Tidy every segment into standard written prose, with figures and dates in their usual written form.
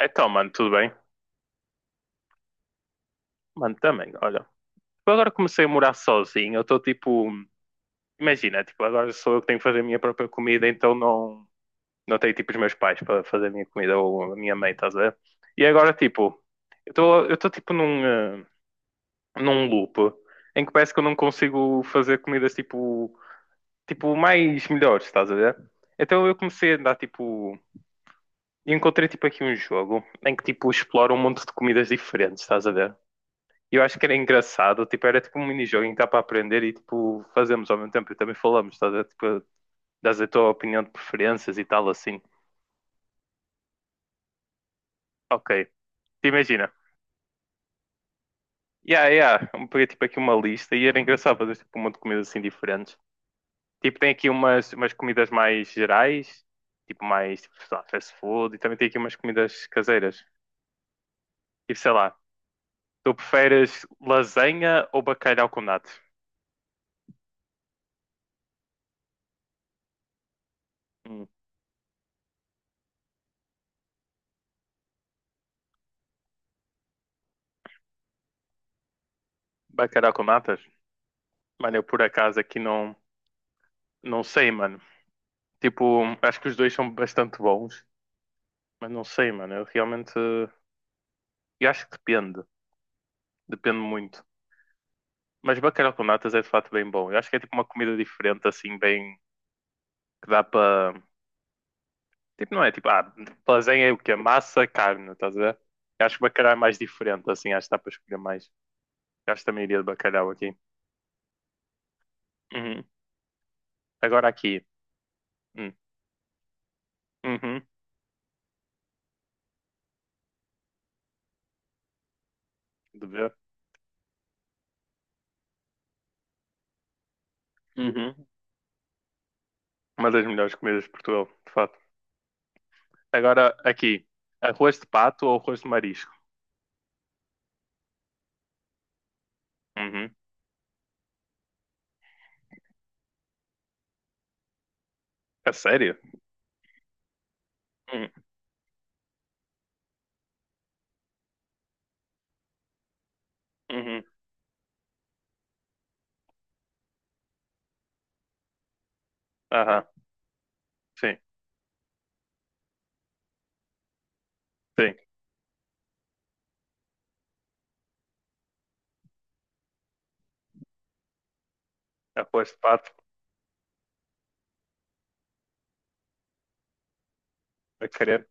Então, mano, tudo bem? Mano, também, olha. Eu agora comecei a morar sozinho, eu estou tipo. Imagina, tipo, agora sou eu que tenho que fazer a minha própria comida, então não tenho tipo os meus pais para fazer a minha comida ou a minha mãe, estás a ver? E agora, tipo, eu estou tipo num, num loop em que parece que eu não consigo fazer comidas tipo. Tipo, mais melhores, estás a ver? Então eu comecei a andar, tipo, e encontrei, tipo, aqui um jogo em que, tipo, explora um monte de comidas diferentes, estás a ver? E eu acho que era engraçado, tipo, era tipo um minijogo em que dá para aprender e tipo, fazemos ao mesmo tempo e também falamos, estás a ver? Tipo, dás a tua opinião de preferências e tal assim. Ok, imagina. Yeah, yeah, eu peguei tipo aqui uma lista e era engraçado fazer tipo um monte de comidas assim diferentes. Tipo, tem aqui umas comidas mais gerais, tipo mais, tipo, sei lá, fast food e também tem aqui umas comidas caseiras. Tipo, sei lá, tu preferes lasanha ou bacalhau com natas? Hum, bacalhau com natas? Mano, eu por acaso aqui não sei, mano. Tipo, acho que os dois são bastante bons, mas não sei, mano. Eu realmente. Eu acho que depende. Depende muito. Mas bacalhau com natas é de fato bem bom. Eu acho que é tipo uma comida diferente, assim, bem. Que dá para. Tipo, não é tipo. Ah, lasanha é o quê? Massa, carne, estás a ver? Eu acho que bacalhau é mais diferente, assim. Acho que dá para escolher mais. Eu acho que também iria de bacalhau aqui. Uhum. Agora aqui. Hum. Uhum. De ver. Uhum. Uma das melhores comidas de Portugal, de fato. Agora aqui. Arroz de pato ou arroz de marisco? Uhum. A sério? Uhum, uhum. Aham, sim, sim. Após pato, a querer.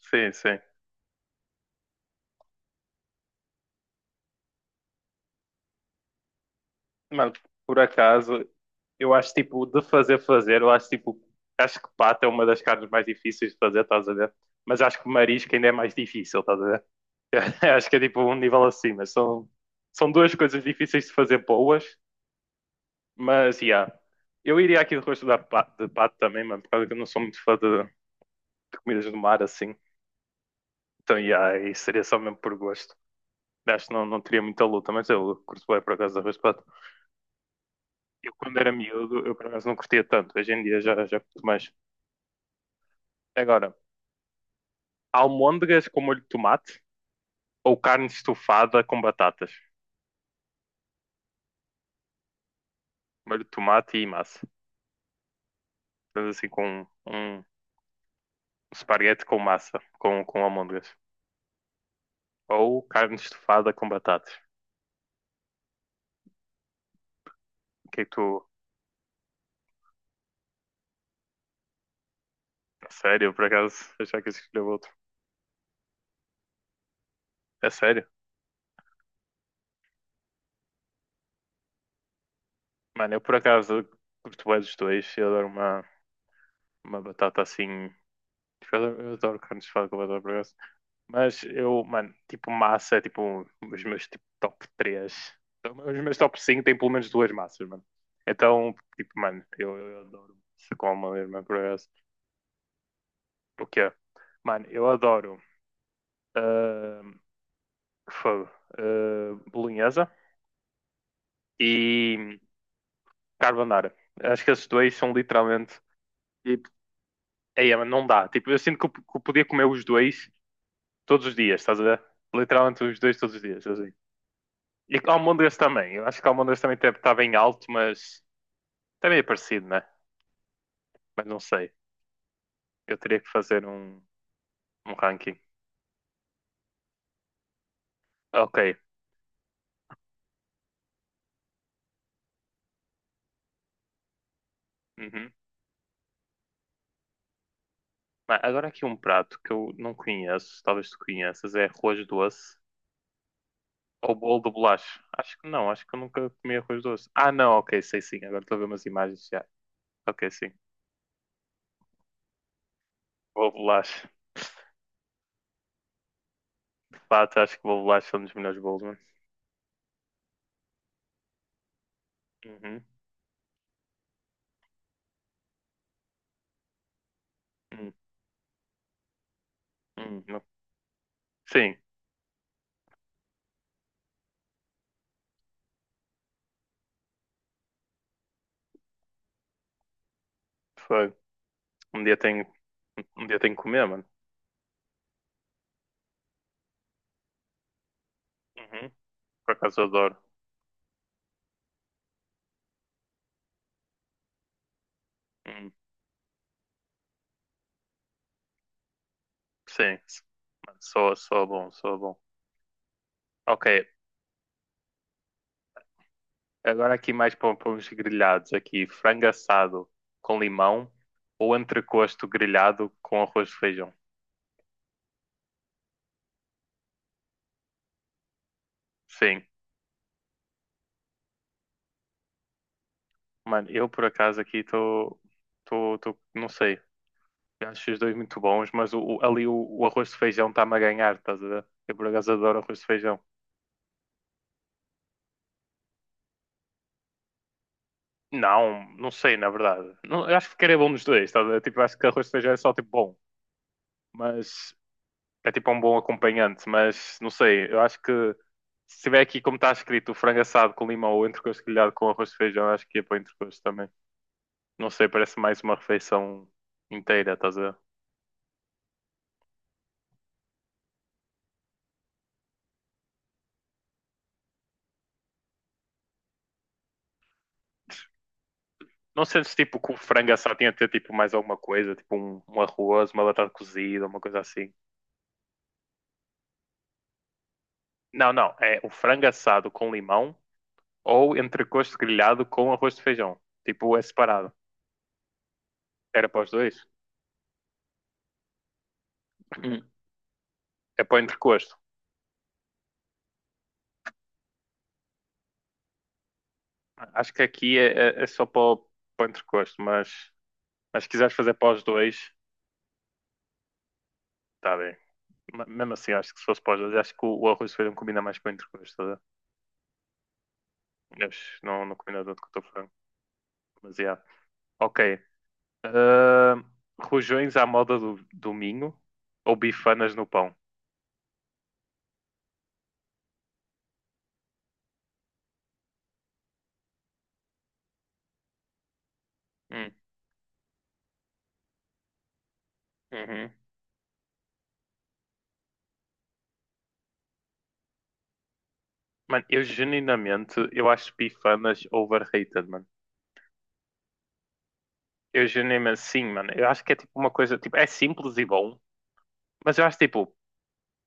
Sim, sim. Mano, por acaso, eu acho tipo, acho que pato é uma das carnes mais difíceis de fazer, estás a ver? Mas acho que marisco ainda é mais difícil, estás a ver? Acho que é tipo um nível acima. São duas coisas difíceis de fazer boas, mas, yeah. Eu iria aqui de rosto da pa- de pato também, mano, por causa que eu não sou muito fã de comidas do mar, assim. Então, yeah, isso seria só mesmo por gosto. Acho que não teria muita luta, mas eu curto bem por acaso arroz de pato. Eu quando era miúdo, eu por acaso não curtia tanto. Hoje em dia já curto mais. Agora, almôndegas com molho de tomate ou carne estufada com batatas? Molho de tomate e massa. Mas assim com um esparguete com massa, com almôndegas. Ou carne estufada com batatas. O que é que tu... A sério, eu por acaso, achar que eu escolheu outro. É sério? Mano, eu por acaso curto bem dos dois. Eu adoro uma batata assim... Eu adoro carne estufada com batata, por acaso. Mas eu, mano, tipo, massa é tipo os meus tipo, top 3. Os meus top 5 têm pelo menos duas massas, mano. Então, tipo, mano, eu adoro massa com uma mesma progresso. O quê? Mano, eu adoro uh, fogo, ah, bolonhesa e carbonara. Acho que esses dois são literalmente tipo, ei, mano, não dá. Tipo, eu sinto que que eu podia comer os dois todos os dias, estás a ver? Literalmente os dois todos os dias, assim. E almôndegas também. Eu acho que almôndegas também deve estar bem alto, mas também é parecido, né? Mas não sei. Eu teria que fazer um ranking. Ok. Uhum. Ah, agora aqui um prato que eu não conheço, talvez tu conheças, é arroz doce ou bolo de bolacha. Acho que não, acho que eu nunca comi arroz doce. Ah, não, ok, sei sim. Agora estou a ver umas imagens já. Ok, sim. Bolo de bolacha. De fato, acho que bolo de bolacha é um dos melhores bolos, mano. Uhum. Hum, hum, hum. Sim, foi. Um dia tenho, um dia tenho que comer, mano. Uhum. Por acaso eu adoro. Hum, sim, soa bom, soa bom. Ok, agora aqui mais para uns grelhados aqui. Frango assado com limão ou entrecosto grelhado com arroz de feijão? Sim. Mano, eu por acaso aqui estou... Estou... Não sei. Acho os dois muito bons, mas o arroz de feijão está-me a ganhar, estás a ver? Eu por acaso adoro arroz de feijão. Não sei, na verdade. Não, eu acho que ficaria bom nos dois, estás a ver? Tipo, acho que arroz de feijão é só tipo bom. Mas é tipo um bom acompanhante, mas não sei, eu acho que se tiver aqui como está escrito frango assado com limão ou entrecosto grelhado com arroz de feijão, eu acho que ia para o entrecosto também. Não sei, parece mais uma refeição inteira, estás a ver? Não sentes tipo que o frango assado tinha de ter tipo mais alguma coisa, tipo um arroz, uma batata cozida, uma coisa assim. Não, é o frango assado com limão ou entrecosto grelhado com arroz de feijão. Tipo, é separado. Era para os dois? Hum. É para o entrecosto. Acho que aqui é, é só para o entrecosto, mas se quiseres fazer pós dois, tá bem. Ma- mesmo assim, acho que se fosse pós dois, acho que o arroz de feijão combina mais com o entrecôs, tá a ver? Mas não combina tanto com o teu frango. Mas yeah. Ok. Ahn, rojões à moda do Minho ou bifanas no pão? Hum, uhum. Mano, eu genuinamente, eu acho bifanas overrated, mano. Eu genuinamente, sim, mano. Eu acho que é tipo uma coisa, tipo, é simples e bom. Mas eu acho, tipo,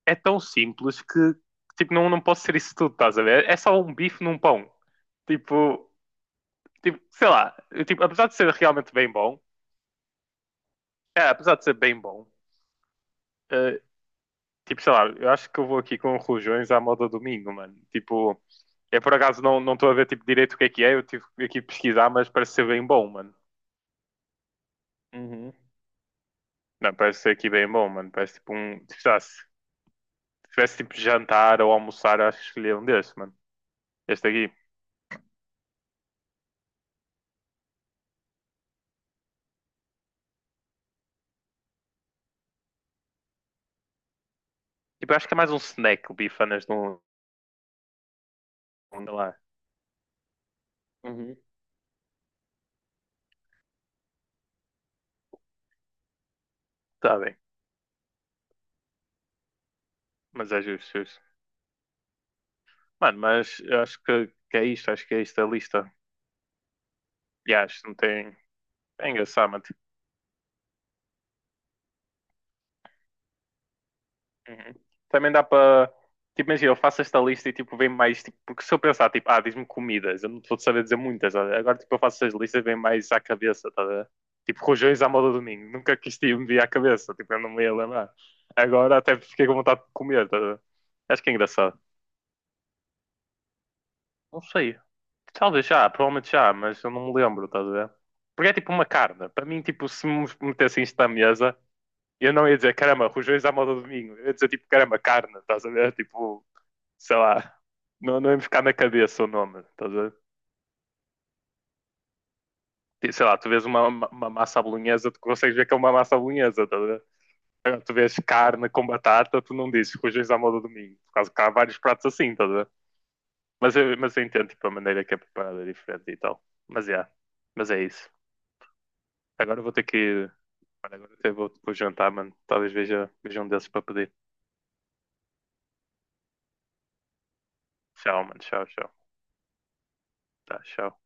é tão simples que tipo, não pode ser isso tudo, estás a ver? É só um bife num pão. Tipo, tipo sei lá, eu, tipo, apesar de ser realmente bem bom, é, apesar de ser bem bom, eh, tipo, sei lá, eu acho que eu vou aqui com rojões à moda domingo, mano. Tipo, é por acaso não estou a ver tipo, direito o que é, eu tive aqui pesquisar, mas parece ser bem bom, mano. Uhum. Não, parece ser aqui bem bom, mano. Parece tipo um. Tipo, sei lá, se tivesse tipo jantar ou almoçar, eu acho que escolhia um desses, mano. Este aqui. Tipo, eu acho que é mais um snack, o bifanas, num, onda lá. Uhum. Está bem, mas é justo, justo. Mano, mas eu acho que é isto, acho que é isto a lista. E acho que não tem. É engraçado, mano. Tipo, uhum. Também dá para. Tipo, imagina, eu faço esta lista e tipo, vem mais. Tipo, porque se eu pensar, tipo, ah, diz-me comidas, eu não vou saber dizer muitas. Olha. Agora, tipo, eu faço essas listas e vem mais à cabeça, tá a ver? Tipo, rojões à moda do domingo. Nunca quis te me vir à cabeça, tipo, eu não me ia lembrar. Agora até fiquei com vontade de comer, tá a ver? Acho que é engraçado. Não sei. Talvez já, provavelmente já, mas eu não me lembro, estás a ver? Porque é tipo uma carne. Para mim, tipo, se me metessem isto à mesa, eu não ia dizer, caramba, rojões à moda do domingo. Eu ia dizer, tipo, caramba, carne, estás a ver? Tipo, sei lá, não ia me ficar na cabeça o nome, estás a ver? Tipo, sei lá, tu vês uma massa à bolonhesa, tu consegues ver que é uma massa à bolonhesa, estás a ver? Agora, tu vês carne com batata, tu não dizes rojões à moda do domingo. Por causa que há vários pratos assim, estás a ver? Mas eu entendo, tipo, a maneira que é preparada é diferente e tal. Mas é isso. Agora eu vou ter que ir. Mano, agora vou jantar, mano. Talvez veja um desses para pedir. Tchau, mano. Tchau, tchau. Tá, tchau.